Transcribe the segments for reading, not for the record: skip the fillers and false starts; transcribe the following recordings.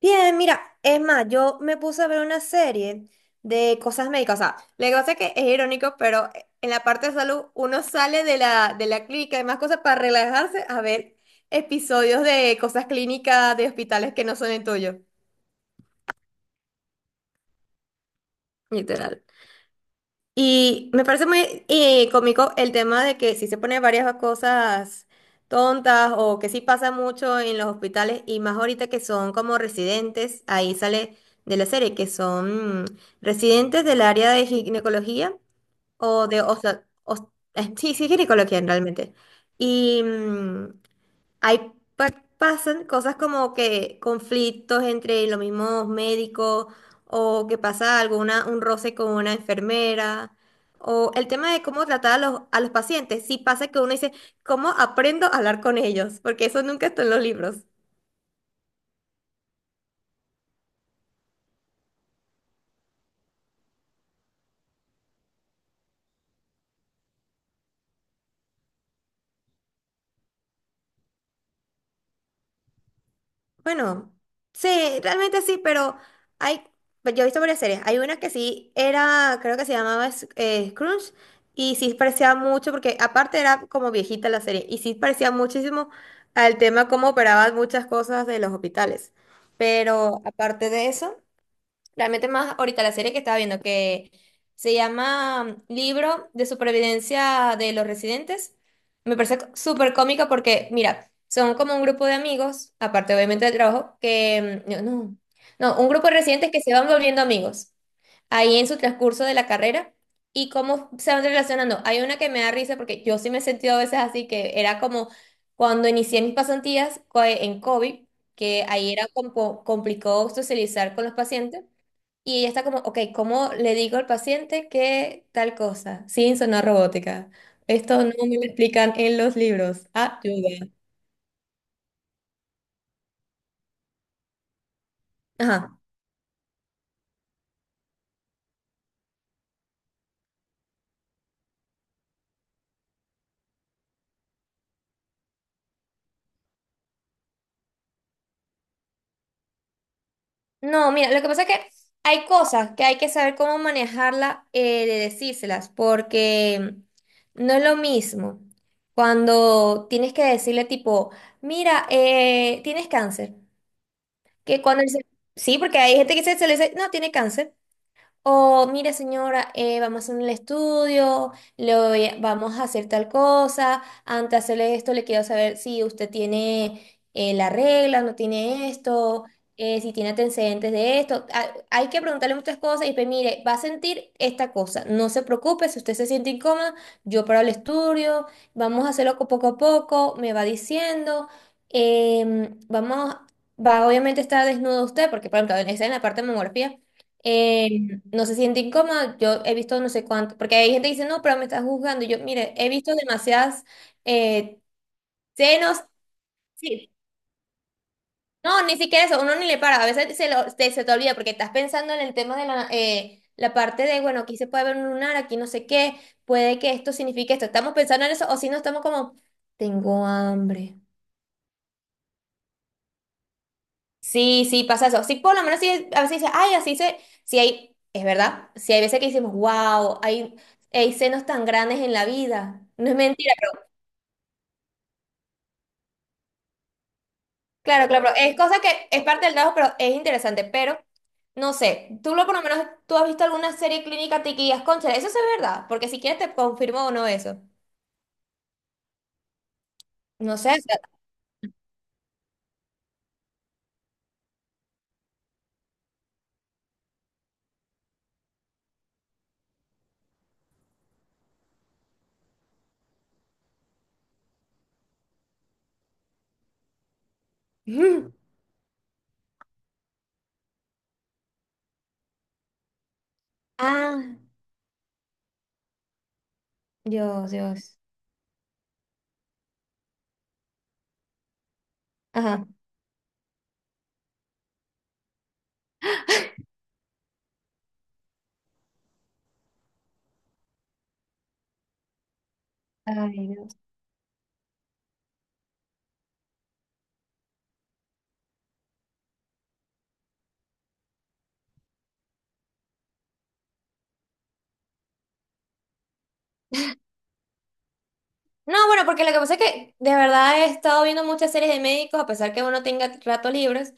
Bien, mira, es más, yo me puse a ver una serie de cosas médicas. O sea, lo que pasa es que es irónico, pero en la parte de salud uno sale de la clínica y demás cosas para relajarse a ver episodios de cosas clínicas de hospitales que no son el tuyo. Literal. Y me parece muy cómico el tema de que si se pone varias cosas tontas o que sí pasa mucho en los hospitales y más ahorita que son como residentes, ahí sale de la serie, que son residentes del área de ginecología o sí, sí, ginecología realmente. Y, mm, hay, pa- Pasan cosas como que conflictos entre los mismos médicos o que pasa alguna, un roce con una enfermera o el tema de cómo tratar a los pacientes. Sí pasa que uno dice, ¿cómo aprendo a hablar con ellos? Porque eso nunca está en los libros. Bueno, sí, realmente sí, pero hay, pues, yo he visto varias series. Hay una que sí era, creo que se llamaba Scrooge, y sí parecía mucho, porque aparte era como viejita la serie, y sí parecía muchísimo al tema cómo operaban muchas cosas de los hospitales. Pero aparte de eso. Realmente más ahorita la serie que estaba viendo, que se llama Libro de Supervivencia de los Residentes. Me parece súper cómica porque, mira, son como un grupo de amigos, aparte obviamente del trabajo, que mm, no, no, no, un grupo de residentes que se van volviendo amigos ahí en su transcurso de la carrera y cómo se van relacionando. Hay una que me da risa porque yo sí me he sentido a veces así, que era como cuando inicié mis pasantías en COVID, que ahí era como complicado socializar con los pacientes. Y ella está como, ok, ¿cómo le digo al paciente que tal cosa? Sin sonar robótica. Esto no me lo explican en los libros. Ayuda. Ajá. No, mira, lo que pasa es que hay cosas que hay que saber cómo manejarla, de decírselas, porque no es lo mismo cuando tienes que decirle tipo, mira, tienes cáncer, que cuando dice, sí, porque hay gente que se le dice, no, tiene cáncer. O, mire señora, vamos a hacer un estudio, vamos a hacer tal cosa. Antes de hacerle esto, le quiero saber si usted tiene la regla, no tiene esto, si tiene antecedentes de esto. Ah, hay que preguntarle muchas cosas y pues, mire, va a sentir esta cosa. No se preocupe, si usted se siente incómoda, yo paro el estudio, vamos a hacerlo poco a poco, me va diciendo. Vamos, va, obviamente está desnudo usted, porque, por ejemplo, está en la parte de mamografía. em, no se siente incómoda. Yo he visto no sé cuánto, porque hay gente que dice, no, pero me estás juzgando. Y yo, mire, he visto demasiadas eh, senos. Sí. No, ni siquiera eso, uno ni le para. A veces se te olvida porque estás pensando en el tema de la parte de, bueno, aquí se puede ver un lunar, aquí no sé qué, puede que esto signifique esto. Estamos pensando en eso, o si no, estamos como, tengo hambre. Sí, sí, pasa eso. Sí, por lo menos sí, a veces dice, ay, así se, sí hay, es verdad, sí hay veces que decimos, wow, hay senos tan grandes en la vida. No es mentira, claro, claro, pero es cosa que es parte del trabajo, pero es interesante, pero no sé, tú lo por lo menos, tú has visto alguna serie clínica te guías, concha, eso sí es verdad, porque si quieres te confirmo o no eso. No sé, o sea, Ah, Dios, Dios. Ajá. Ay, no. No, bueno, porque lo que pasa es que de verdad he estado viendo muchas series de médicos, a pesar que uno tenga ratos libres.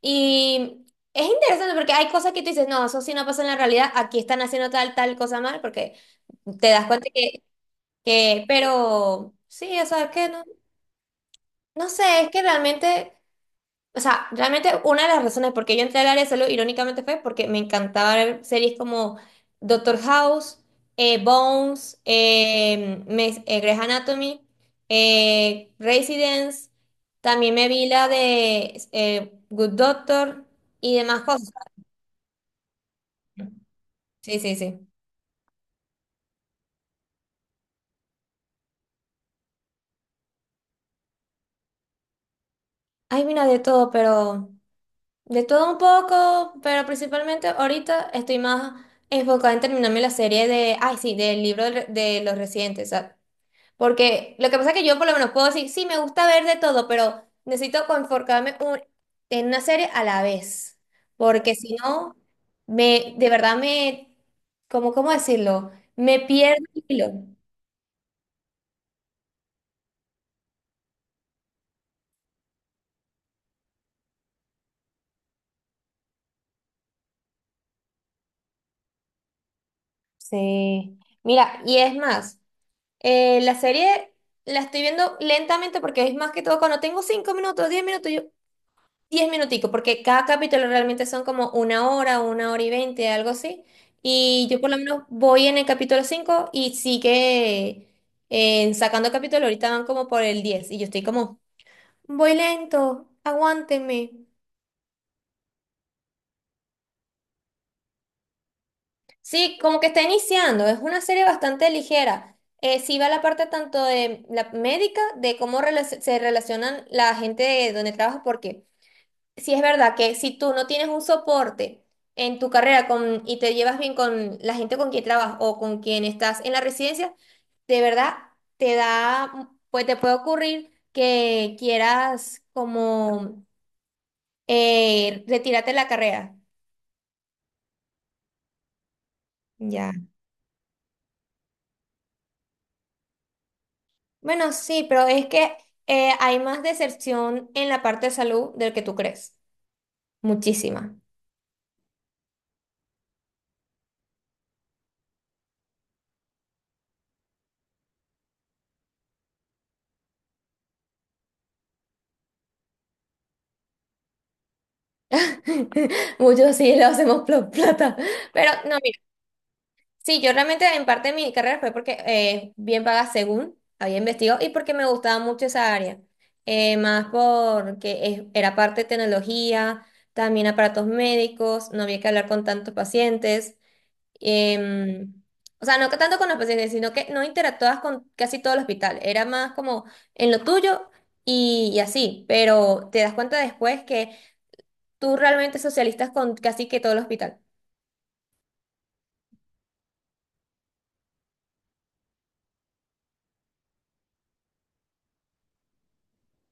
Y es interesante porque hay cosas que tú dices, no, eso sí no pasa en la realidad, aquí están haciendo tal, tal cosa mal, porque te das cuenta que pero sí, o sea, es que no, no sé, es que realmente. O sea, realmente una de las razones por qué yo entré al área de salud irónicamente fue porque me encantaba ver series como Doctor House, Bones, Grey's Anatomy, Residence, también me vi la de Good Doctor y demás cosas. Sí, sí, sí. Ay, mira, de todo, pero de todo un poco, pero principalmente ahorita estoy más enfocada en terminarme la serie de, ay, sí, del libro del re- de los residentes. Porque lo que pasa es que yo por lo menos puedo decir, sí, me gusta ver de todo, pero necesito en una serie a la vez. Porque si no, de verdad me, ¿cómo, cómo decirlo? Me pierdo el hilo. Sí. Mira, y es más, la serie la estoy viendo lentamente porque es más que todo cuando tengo 5 minutos, 10 minutos, yo, 10 minuticos, porque cada capítulo realmente son como una hora, 1 hora y 20, algo así. Y yo por lo menos voy en el capítulo 5 y sigue sacando capítulo. Ahorita van como por el 10 y yo estoy como, voy lento, aguántenme. Sí, como que está iniciando. Es una serie bastante ligera. Sí va la parte tanto de la médica, de cómo se relacionan la gente de donde trabaja, porque sí, es verdad que si tú no tienes un soporte en tu carrera y te llevas bien con la gente con quien trabajas o con quien estás en la residencia, de verdad te da, pues te puede ocurrir que quieras como retirarte de la carrera. Ya. Bueno, sí, pero es que hay más deserción en la parte de salud del que tú crees. Muchísima. Muchos sí lo hacemos plata. Pero no, mira. Sí, yo realmente en parte de mi carrera fue porque bien paga según había investigado y porque me gustaba mucho esa área. Más porque era parte de tecnología, también aparatos médicos, no había que hablar con tantos pacientes. em, o sea, no que tanto con los pacientes, sino que no interactuabas con casi todo el hospital. Era más como en lo tuyo y así. Pero te das cuenta después que tú realmente socialistas con casi que todo el hospital.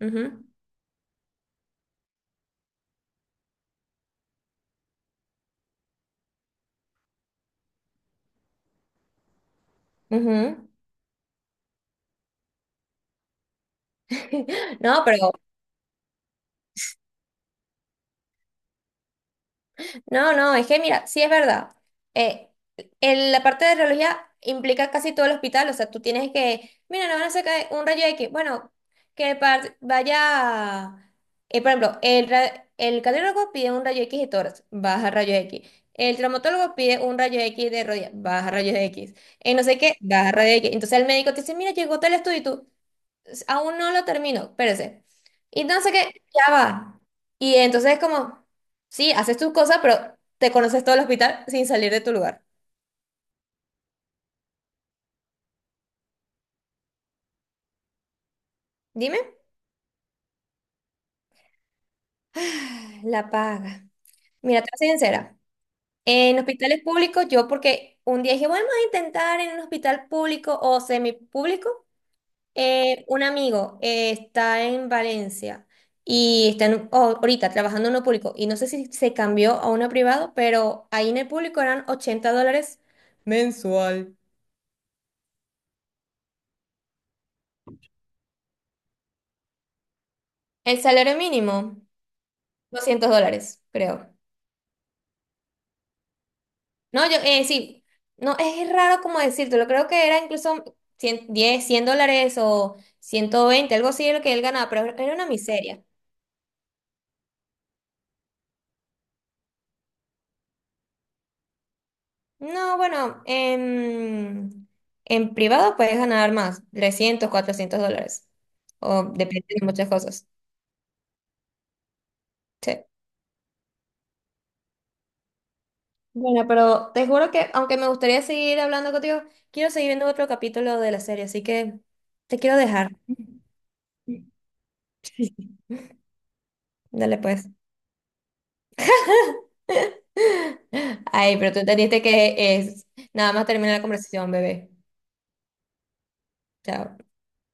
Ujú, ujú. No, pero no, no, es que mira, sí es verdad. Eh, la parte de radiología implica casi todo el hospital, o sea, tú tienes que, mira, no van a sacar un rayo X, bueno, vaya, por ejemplo, el, ra- el cardiólogo pide un rayo X de tórax, baja rayo X. El traumatólogo pide un rayo X de rodilla, baja rayo X. No sé qué, baja rayo X. Entonces el médico te dice, mira, llegó tal estudio, aún no lo termino, espérese. Y no sé, ya va. Y entonces es como, sí, haces tus cosas, pero te conoces todo el hospital sin salir de tu lugar. Dime, la paga. Mira, te voy a ser sincera. En hospitales públicos, yo porque un día dije, bueno, vamos a intentar en un hospital público o semipúblico. Un amigo está en Valencia y oh, ahorita trabajando en uno público y no sé si se cambió a uno privado, pero ahí en el público eran $80 mensual. El salario mínimo, $200, creo. No, yo, sí, no, es raro como decírtelo, creo que era incluso $110 o 120 algo así de lo que él ganaba, pero era una miseria. No, bueno, en privado puedes ganar más, 300, $400, o depende de muchas cosas. Sí. Bueno, pero te juro que, aunque me gustaría seguir hablando contigo, quiero seguir viendo otro capítulo de la serie, así que te quiero dejar. Sí. Dale pues. Ay, pero tú entendiste que es nada más terminar la conversación, bebé. Chao.